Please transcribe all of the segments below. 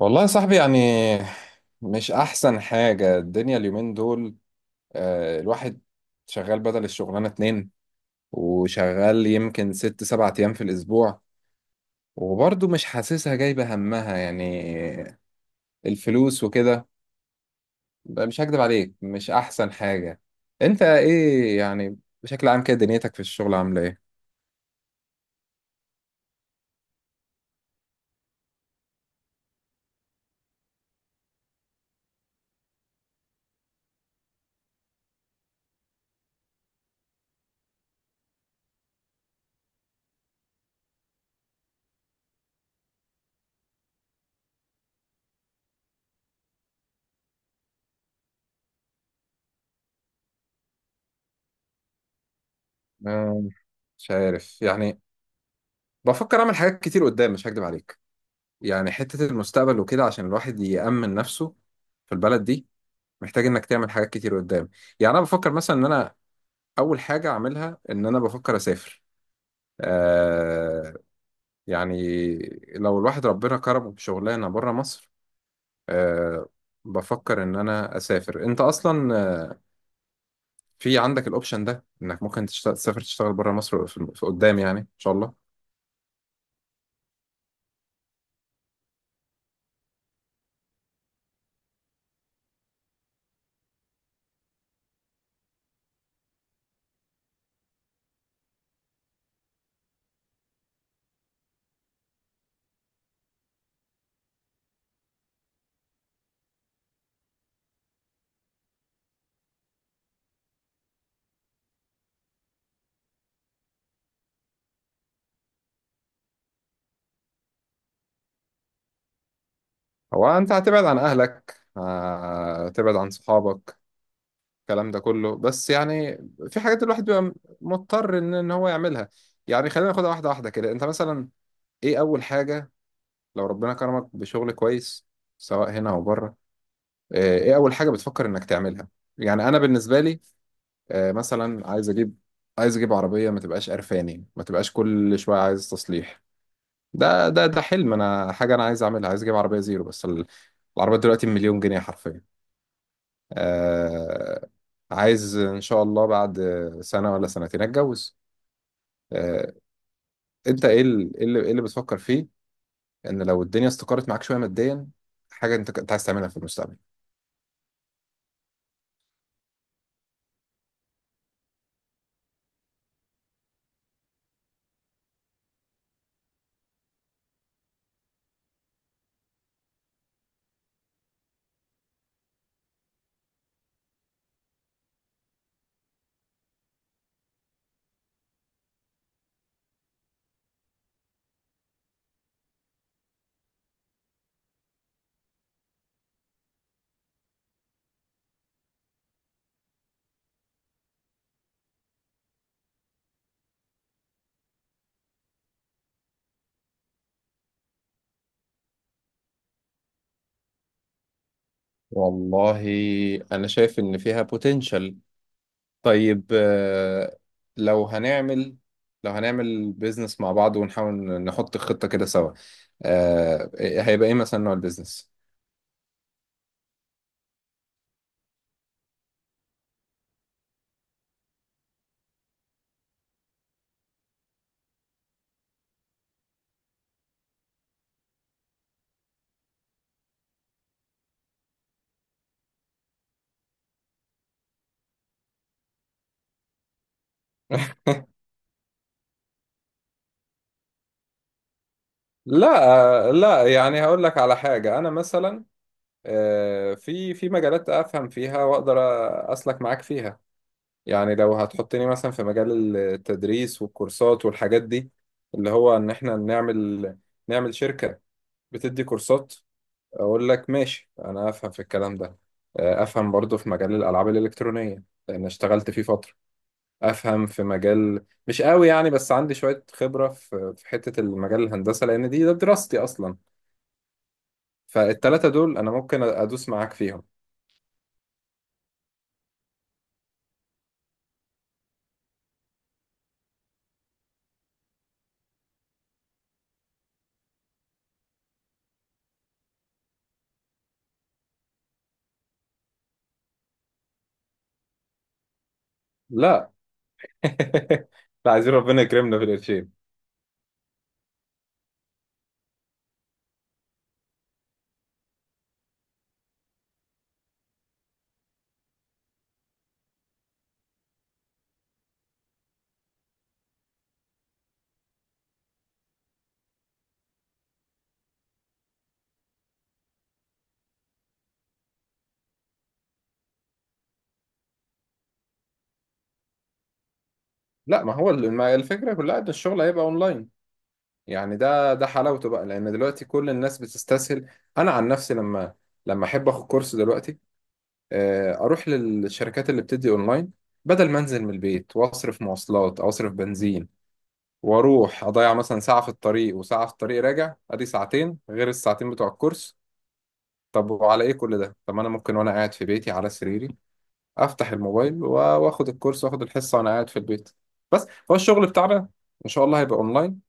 والله يا صاحبي، يعني مش أحسن حاجة الدنيا اليومين دول. الواحد شغال بدل الشغلانة اتنين، وشغال يمكن ست سبع أيام في الأسبوع. وبرضه مش حاسسها جايبة همها، يعني الفلوس وكده. مش هكدب عليك، مش أحسن حاجة. أنت إيه يعني؟ بشكل عام كده دنيتك في الشغل عاملة إيه؟ آه، مش عارف يعني. بفكر أعمل حاجات كتير قدام، مش هكدب عليك. يعني حتة المستقبل وكده، عشان الواحد يأمن نفسه في البلد دي، محتاج انك تعمل حاجات كتير قدام. يعني انا بفكر مثلا ان انا اول حاجه اعملها ان انا بفكر اسافر. آه يعني لو الواحد ربنا كرمه بشغلانه بره مصر، آه بفكر ان انا اسافر. انت اصلا في عندك الاوبشن ده، انك ممكن تشتغل، تسافر، تشتغل بره مصر في قدام، يعني ان شاء الله. هو انت هتبعد عن اهلك، هتبعد عن صحابك، الكلام ده كله، بس يعني في حاجات الواحد بيبقى مضطر إن هو يعملها. يعني خلينا ناخدها واحده واحده كده. انت مثلا ايه اول حاجة لو ربنا كرمك بشغل كويس، سواء هنا او بره، ايه اول حاجة بتفكر انك تعملها؟ يعني انا بالنسبة لي مثلا عايز اجيب عربية ما تبقاش قرفاني، ما تبقاش كل شوية عايز تصليح. ده حلم انا، حاجة انا عايز اعملها، عايز اجيب عربية زيرو. العربية دلوقتي مليون جنيه حرفيا. آه، عايز ان شاء الله بعد سنة ولا سنتين اتجوز. آه، انت ايه إيه اللي بتفكر فيه، ان لو الدنيا استقرت معاك شويه ماديا، حاجه انت كنت عايز تعملها في المستقبل؟ والله انا شايف ان فيها بوتنشال. طيب، لو هنعمل لو هنعمل بيزنس مع بعض ونحاول نحط خطه كده سوا، آه، هيبقى ايه مثلا نوع البيزنس؟ لا، لا، يعني هقول لك على حاجه. انا مثلا في مجالات افهم فيها واقدر اسلك معاك فيها. يعني لو هتحطني مثلا في مجال التدريس والكورسات والحاجات دي، اللي هو ان احنا نعمل شركة بتدي كورسات، اقول لك ماشي، انا افهم في الكلام ده. افهم برضو في مجال الالعاب الالكترونية لان اشتغلت فيه فترة. افهم في مجال مش قوي يعني، بس عندي شوية خبرة في حتة المجال الهندسة لان ده دراستي اصلا. فالتلاتة دول انا ممكن ادوس معاك فيهم. لا، لا، عايزين ربنا يكرمنا في القرشين. لا، ما هو ما الفكرة كلها ان الشغل هيبقى اونلاين. يعني ده حلاوته بقى، لان دلوقتي كل الناس بتستسهل. انا عن نفسي لما احب اخد كورس دلوقتي، اروح للشركات اللي بتدي اونلاين، بدل ما انزل من البيت واصرف مواصلات او اصرف بنزين، واروح اضيع مثلا ساعة في الطريق وساعة في الطريق راجع، ادي ساعتين غير الساعتين بتوع الكورس. طب وعلى ايه كل ده؟ طب ما انا ممكن وانا قاعد في بيتي على سريري افتح الموبايل واخد الكورس، واخد الحصة وانا قاعد في البيت. بس هو الشغل بتاعنا ان شاء الله هيبقى اونلاين،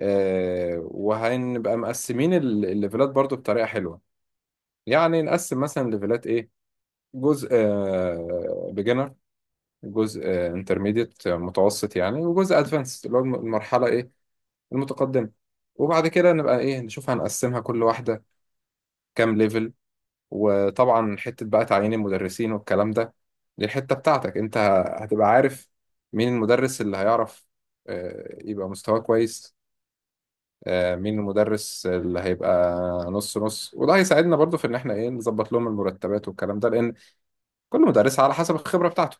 وهنبقى مقسمين الليفلات برضو بطريقة حلوة. يعني نقسم مثلا ليفلات ايه؟ جزء بيجنر، جزء انترميديت متوسط يعني، وجزء ادفانس اللي هو المرحلة ايه؟ المتقدمة. وبعد كده نبقى ايه، نشوف هنقسمها كل واحدة كام ليفل. وطبعا حتة بقى تعيين المدرسين والكلام ده، دي الحتة بتاعتك انت. هتبقى عارف مين المدرس اللي هيعرف يبقى مستواه كويس، مين المدرس اللي هيبقى نص نص. وده هيساعدنا برضو في ان احنا ايه نظبط لهم المرتبات والكلام ده، لان كل مدرس على حسب الخبرة بتاعته.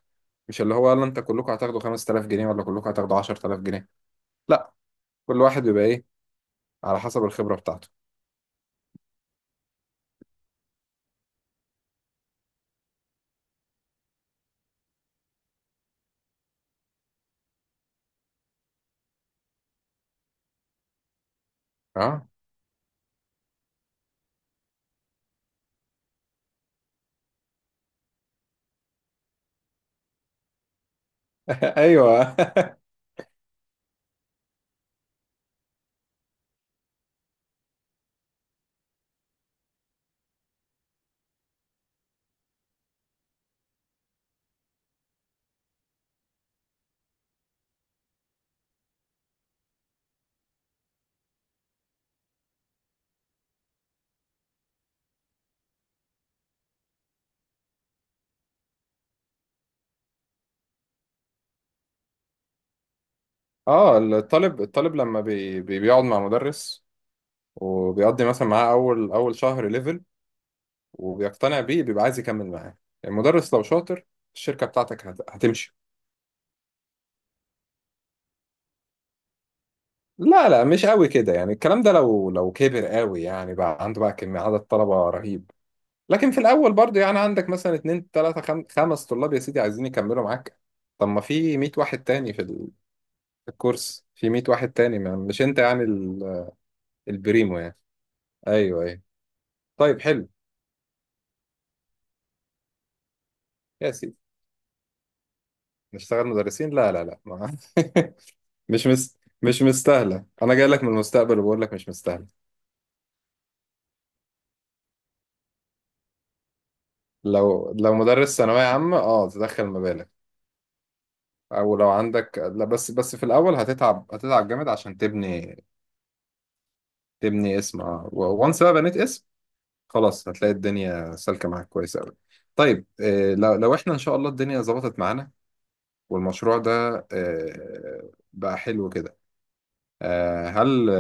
مش اللي هو يلا انت كلكم هتاخدوا 5000 جنيه، ولا كلكم هتاخدوا 10000 جنيه. لا، كل واحد بيبقى ايه على حسب الخبرة بتاعته. اه، ايوه، اه، الطالب لما بيقعد مع مدرس، وبيقضي مثلا معاه اول اول شهر ليفل، وبيقتنع بيه، بيبقى عايز يكمل معاه. المدرس لو شاطر، الشركة بتاعتك هتمشي. لا، لا، مش قوي كده يعني الكلام ده، لو كبر قوي يعني، بقى عنده بقى كمية عدد طلبة رهيب. لكن في الأول برضو يعني عندك مثلا اتنين تلاتة خمس طلاب يا سيدي عايزين يكملوا معاك. طب ما في 100 واحد تاني في الكورس، في 100 واحد تاني ما مش أنت يعني البريمو يعني. أيوه، أيوه. طيب، حلو. يا سيدي نشتغل مدرسين، لا، لا، لا، ما... مش مستاهلة. أنا جاي لك من المستقبل وبقول لك مش مستاهلة. لو مدرس ثانوية عامة، تدخل مبالغ. او لو عندك، لا، بس في الاول هتتعب، هتتعب جامد عشان تبني. تبني اسم. اه، وانس بقى بنيت اسم، خلاص هتلاقي الدنيا سالكه معاك كويس قوي. طيب، لو احنا ان شاء الله الدنيا ظبطت معانا، والمشروع ده بقى حلو كده، آه، هل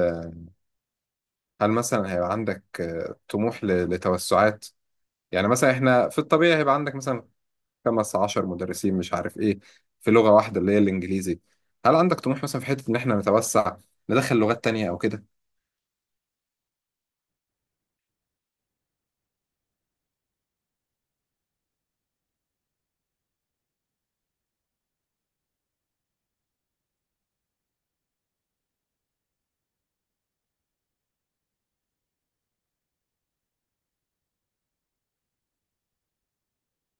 هل مثلا هيبقى عندك طموح لتوسعات؟ يعني مثلا احنا في الطبيعي هيبقى عندك مثلا 15 مدرسين، مش عارف ايه، في لغة واحدة اللي هي الانجليزي. هل عندك طموح مثلا في حتة ان احنا نتوسع ندخل لغات تانية او كده؟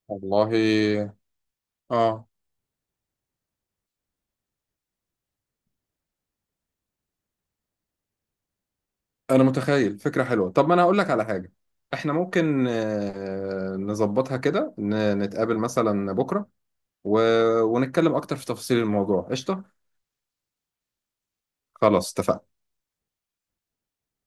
والله، اه انا متخيل فكرة حلوة. طب ما انا هقول لك على حاجة. احنا ممكن نظبطها كده، نتقابل مثلا بكرة و... ونتكلم اكتر في تفاصيل الموضوع. قشطة، خلاص اتفقنا.